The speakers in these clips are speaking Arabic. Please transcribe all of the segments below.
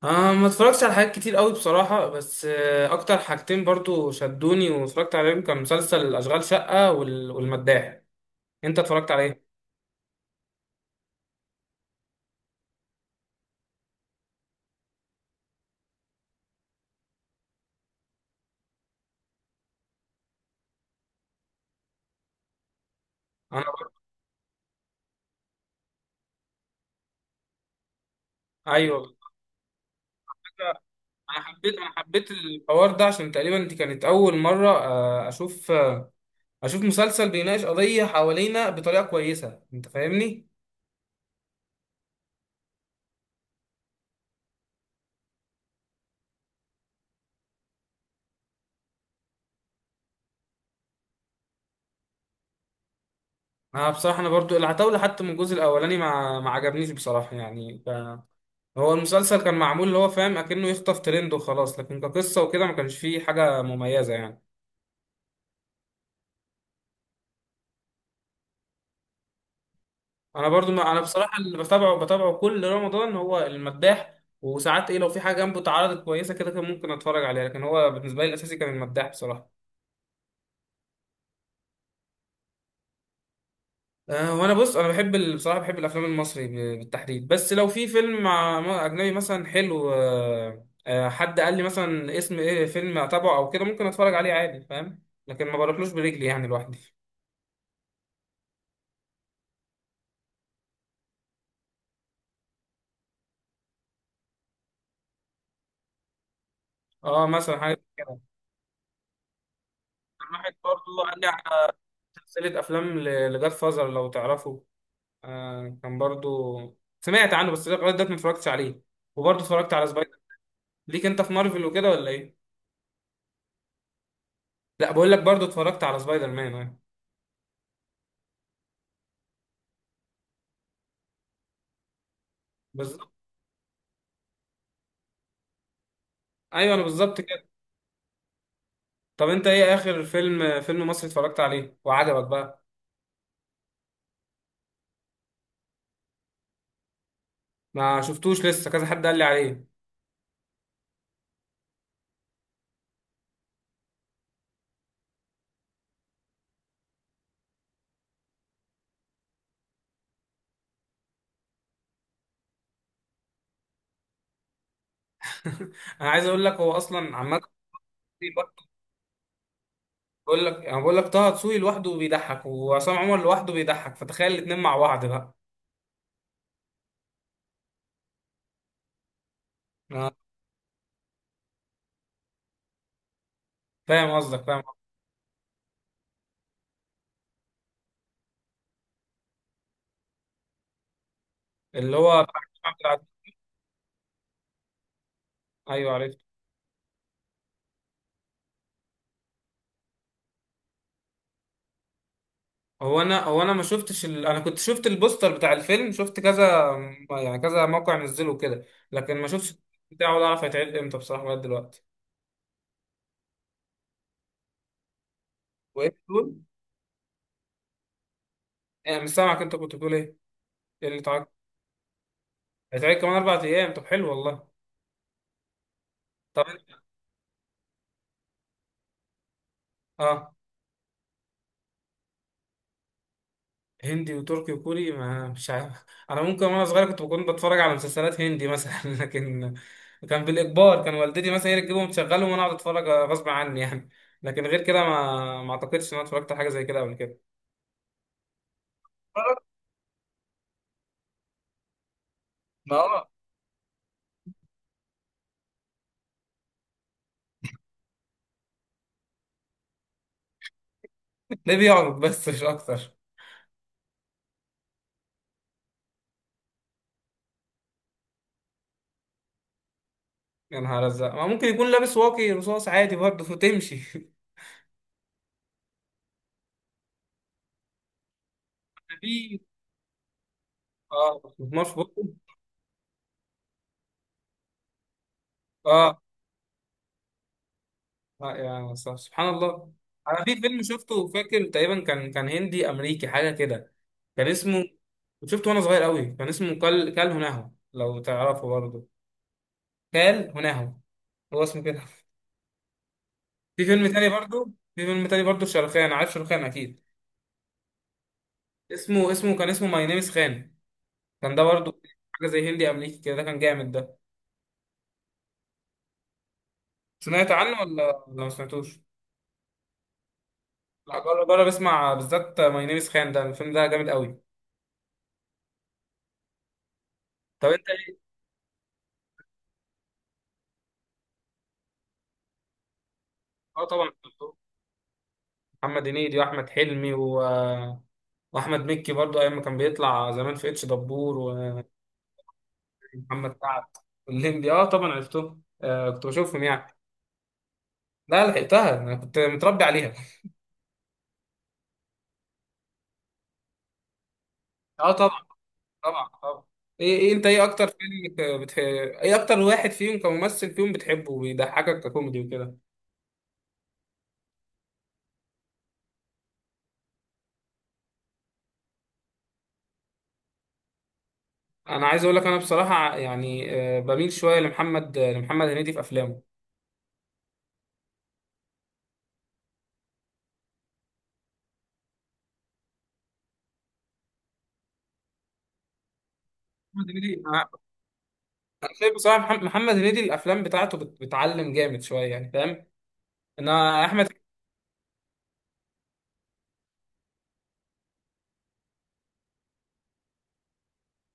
ما اتفرجتش على حاجات كتير قوي بصراحة. بس أكتر حاجتين برضو شدوني واتفرجت عليهم. كان مسلسل أشغال شقة والمداح. أنت اتفرجت على إيه؟ أنا، أيوه، أنا حبيت الحوار ده عشان تقريبا دي كانت أول مرة أشوف، أشوف مسلسل بيناقش قضية حوالينا بطريقة كويسة. أنت فاهمني؟ أنا بصراحة برضو العتاولة حتى من الجزء الأولاني ما عجبنيش بصراحة يعني. هو المسلسل كان معمول اللي هو فاهم اكنه يخطف ترند وخلاص، لكن كقصه وكده ما كانش فيه حاجه مميزه يعني. انا برضو، ما انا بصراحه، اللي بتابعه كل رمضان هو المداح. وساعات ايه، لو في حاجه جنبه اتعرضت كويسه كده كان ممكن اتفرج عليها، لكن هو بالنسبه لي الاساسي كان المداح بصراحه. أه، وانا بص، انا بحب بصراحه بحب الافلام المصري بالتحديد. بس لو في فيلم مع اجنبي مثلا حلو، أه آه، حد قال لي مثلا اسم ايه فيلم اتابعه او كده، ممكن اتفرج عليه عادي، فاهم؟ لكن ما بروحلوش برجلي يعني لوحدي. اه مثلا حاجه. الواحد برضو رجع سلسلة أفلام لجاد فازر، لو تعرفه. آه، كان برضو سمعت عنه، بس لغاية دلوقتي ما اتفرجتش عليه. وبرضو اتفرجت على سبايدر. ليك أنت في مارفل وكده ولا إيه؟ لا، بقول لك برضو اتفرجت على سبايدر مان آه. بالظبط، أيوه أنا بالظبط كده. طب أنت إيه آخر فيلم مصري اتفرجت عليه وعجبك بقى؟ ما شفتوش لسه، كذا حد قال لي عليه. أنا عايز أقول لك هو أصلا عمال. بقول لك، أنا بقول لك طه دسوقي لوحده بيضحك، وعصام عمر لوحده بيضحك، فتخيل الاتنين مع بعض بقى. آه، فاهم قصدك، فاهم. اللي هو بتاع الجامعة ايوه، عرفت. هو انا ما شفتش انا كنت شفت البوستر بتاع الفيلم، شفت كذا يعني كذا موقع نزله كده. لكن ما شفتش بتاعه، ولا اعرف هيتعرض امتى بصراحة لغاية دلوقتي. وايه بتقول؟ انا مش سامعك، انت كنت بتقول ايه؟ ايه اللي تعرض؟ هيتعرض كمان اربع ايام؟ طب حلو والله. طب إيه؟ اه. هندي وتركي وكوري، ما مش عارف. انا ممكن وانا صغير كنت بكون بتفرج على مسلسلات هندي مثلا لكن كان بالاجبار. كان والدتي مثلا هي اللي تجيبهم تشغلهم وانا اقعد اتفرج غصب عني يعني. لكن غير كده ما اعتقدش ان انا اتفرجت على حاجه زي كده قبل كده. ما هو ده بيعرف بس، مش اكتر. يا نهار ازرق، ما ممكن يكون لابس واقي رصاص عادي برضه وتمشي في، اه، مش بطل. اه، لا يا أستاذ، سبحان الله. انا في فيلم شفته فاكر، تقريبا كان هندي امريكي حاجه كده. كان اسمه، شفته وانا صغير قوي. كان اسمه كال هناهو، لو تعرفه برضه. كال هناهو، هو اسمه كده. في فيلم تاني برضه. في فيلم تاني برضه شاروخان، عارف شاروخان اكيد. اسمه كان ماي نيمس خان. كان ده برضه حاجه زي هندي امريكي كده، ده كان جامد ده. سمعت عنه ولا ما سمعتوش؟ لا، جرب اسمع بالذات ماي نيمس خان، ده الفيلم ده جامد قوي. طب انت ايه. اه طبعا. محمد هنيدي واحمد حلمي واحمد مكي برضو، ايام ما كان بيطلع زمان في اتش دبور. ومحمد سعد، والليمبي، اه طبعا عرفتهم. آه كنت بشوفهم يعني. لا، لحقتها، انا كنت متربي عليها. اه طبعا. طبعا. إيه انت، ايه اكتر فيلم ايه اكتر واحد فيهم كممثل فيهم بتحبه وبيضحكك ككوميدي وكده؟ انا عايز اقول لك، انا بصراحه يعني، آه، بميل شويه لمحمد هنيدي في افلامه. محمد هنيدي، أنا أنا شايف بصراحه محمد هنيدي الافلام بتاعته بتعلم جامد شويه يعني، فاهم؟ انا احمد.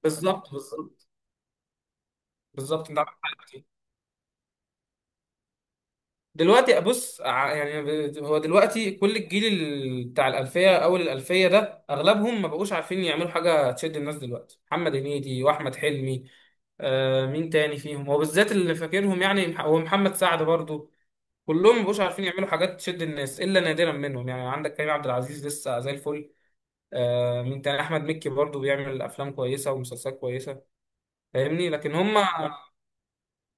بالظبط، بالظبط. بالظبط انت عندك حق فيه. دلوقتي بص، يعني، هو دلوقتي كل الجيل بتاع الالفيه، اول الالفيه ده، اغلبهم ما بقوش عارفين يعملوا حاجه تشد الناس دلوقتي، محمد هنيدي واحمد حلمي. آه، مين تاني فيهم هو بالذات اللي فاكرهم يعني، هو محمد سعد برضو. كلهم ما بقوش عارفين يعملوا حاجات تشد الناس الا نادرا منهم. يعني عندك كريم عبد العزيز لسه زي الفل. آه مين تاني، احمد مكي برضو بيعمل افلام كويسه ومسلسلات كويسه. فاهمني؟ لكن هم،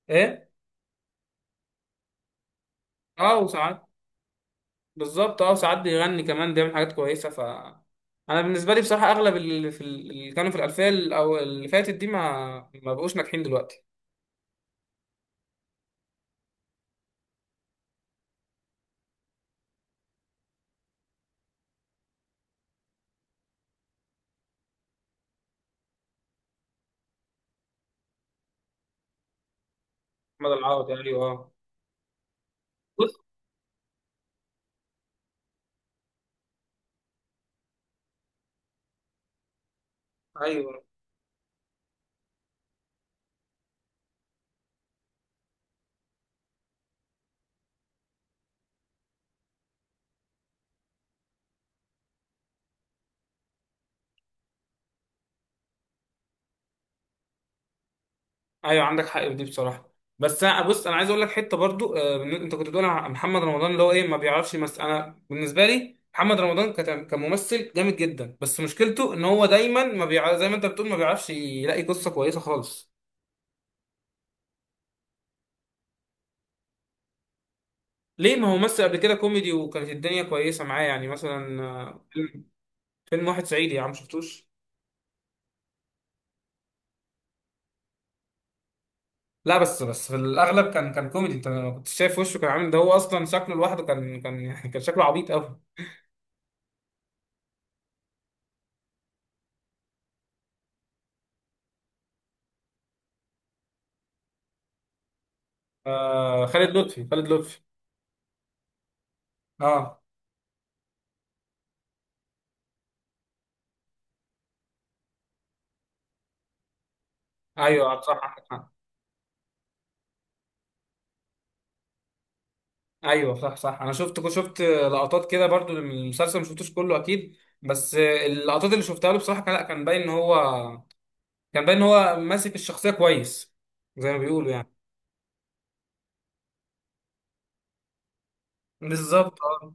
ايه. اه وساعات. بالظبط، اه ساعات بيغني كمان، بيعمل حاجات كويسه. ف انا بالنسبه لي بصراحه اغلب اللي في اللي كانوا في الالفيه او اللي فاتت دي ما بقوش ناجحين دلوقتي. احمد العوضي، ايوه اه. بص، ايوه، ايوه عندك حق في دي بصراحه. بس بص انا عايز اقول لك حته برضو، آه، انت كنت بتقول على محمد رمضان اللي هو ايه ما بيعرفش يمثل، انا بالنسبه لي محمد رمضان كممثل جامد جدا، بس مشكلته ان هو دايما ما بيع... زي ما انت بتقول ما بيعرفش يلاقي قصه كويسه خالص. ليه؟ ما هو مثل قبل كده كوميدي وكانت الدنيا كويسه معاه، يعني مثلا، آه، فيلم فيلم واحد صعيدي يا عم، شفتوش؟ لا بس، في الاغلب كان كوميدي. انت ما كنتش شايف وشه كان عامل ده، هو اصلا شكله لوحده كان يعني، كان شكله عبيط قوي. آه، خالد لطفي، اه. ايوه صح، عندك حق. ايوه صح صح، انا شفت لقطات كده برضو من المسلسل، ما شفتوش كله اكيد، بس آه، اللقطات اللي شفتها له بصراحه كان، لا كان باين ان هو، كان باين ان هو ماسك الشخصيه كويس. زي ما بيقولوا يعني. بالظبط اه.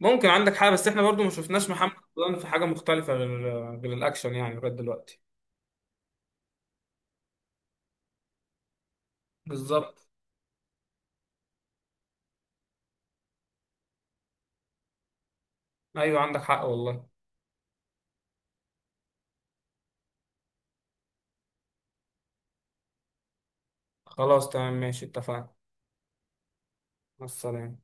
ممكن عندك حاجه، بس احنا برضو ما شفناش محمد رمضان في حاجه مختلفه غير الاكشن يعني لغايه دلوقتي. بالظبط. ايوه عندك حق والله. خلاص تمام، ماشي، اتفقنا. مع السلامه.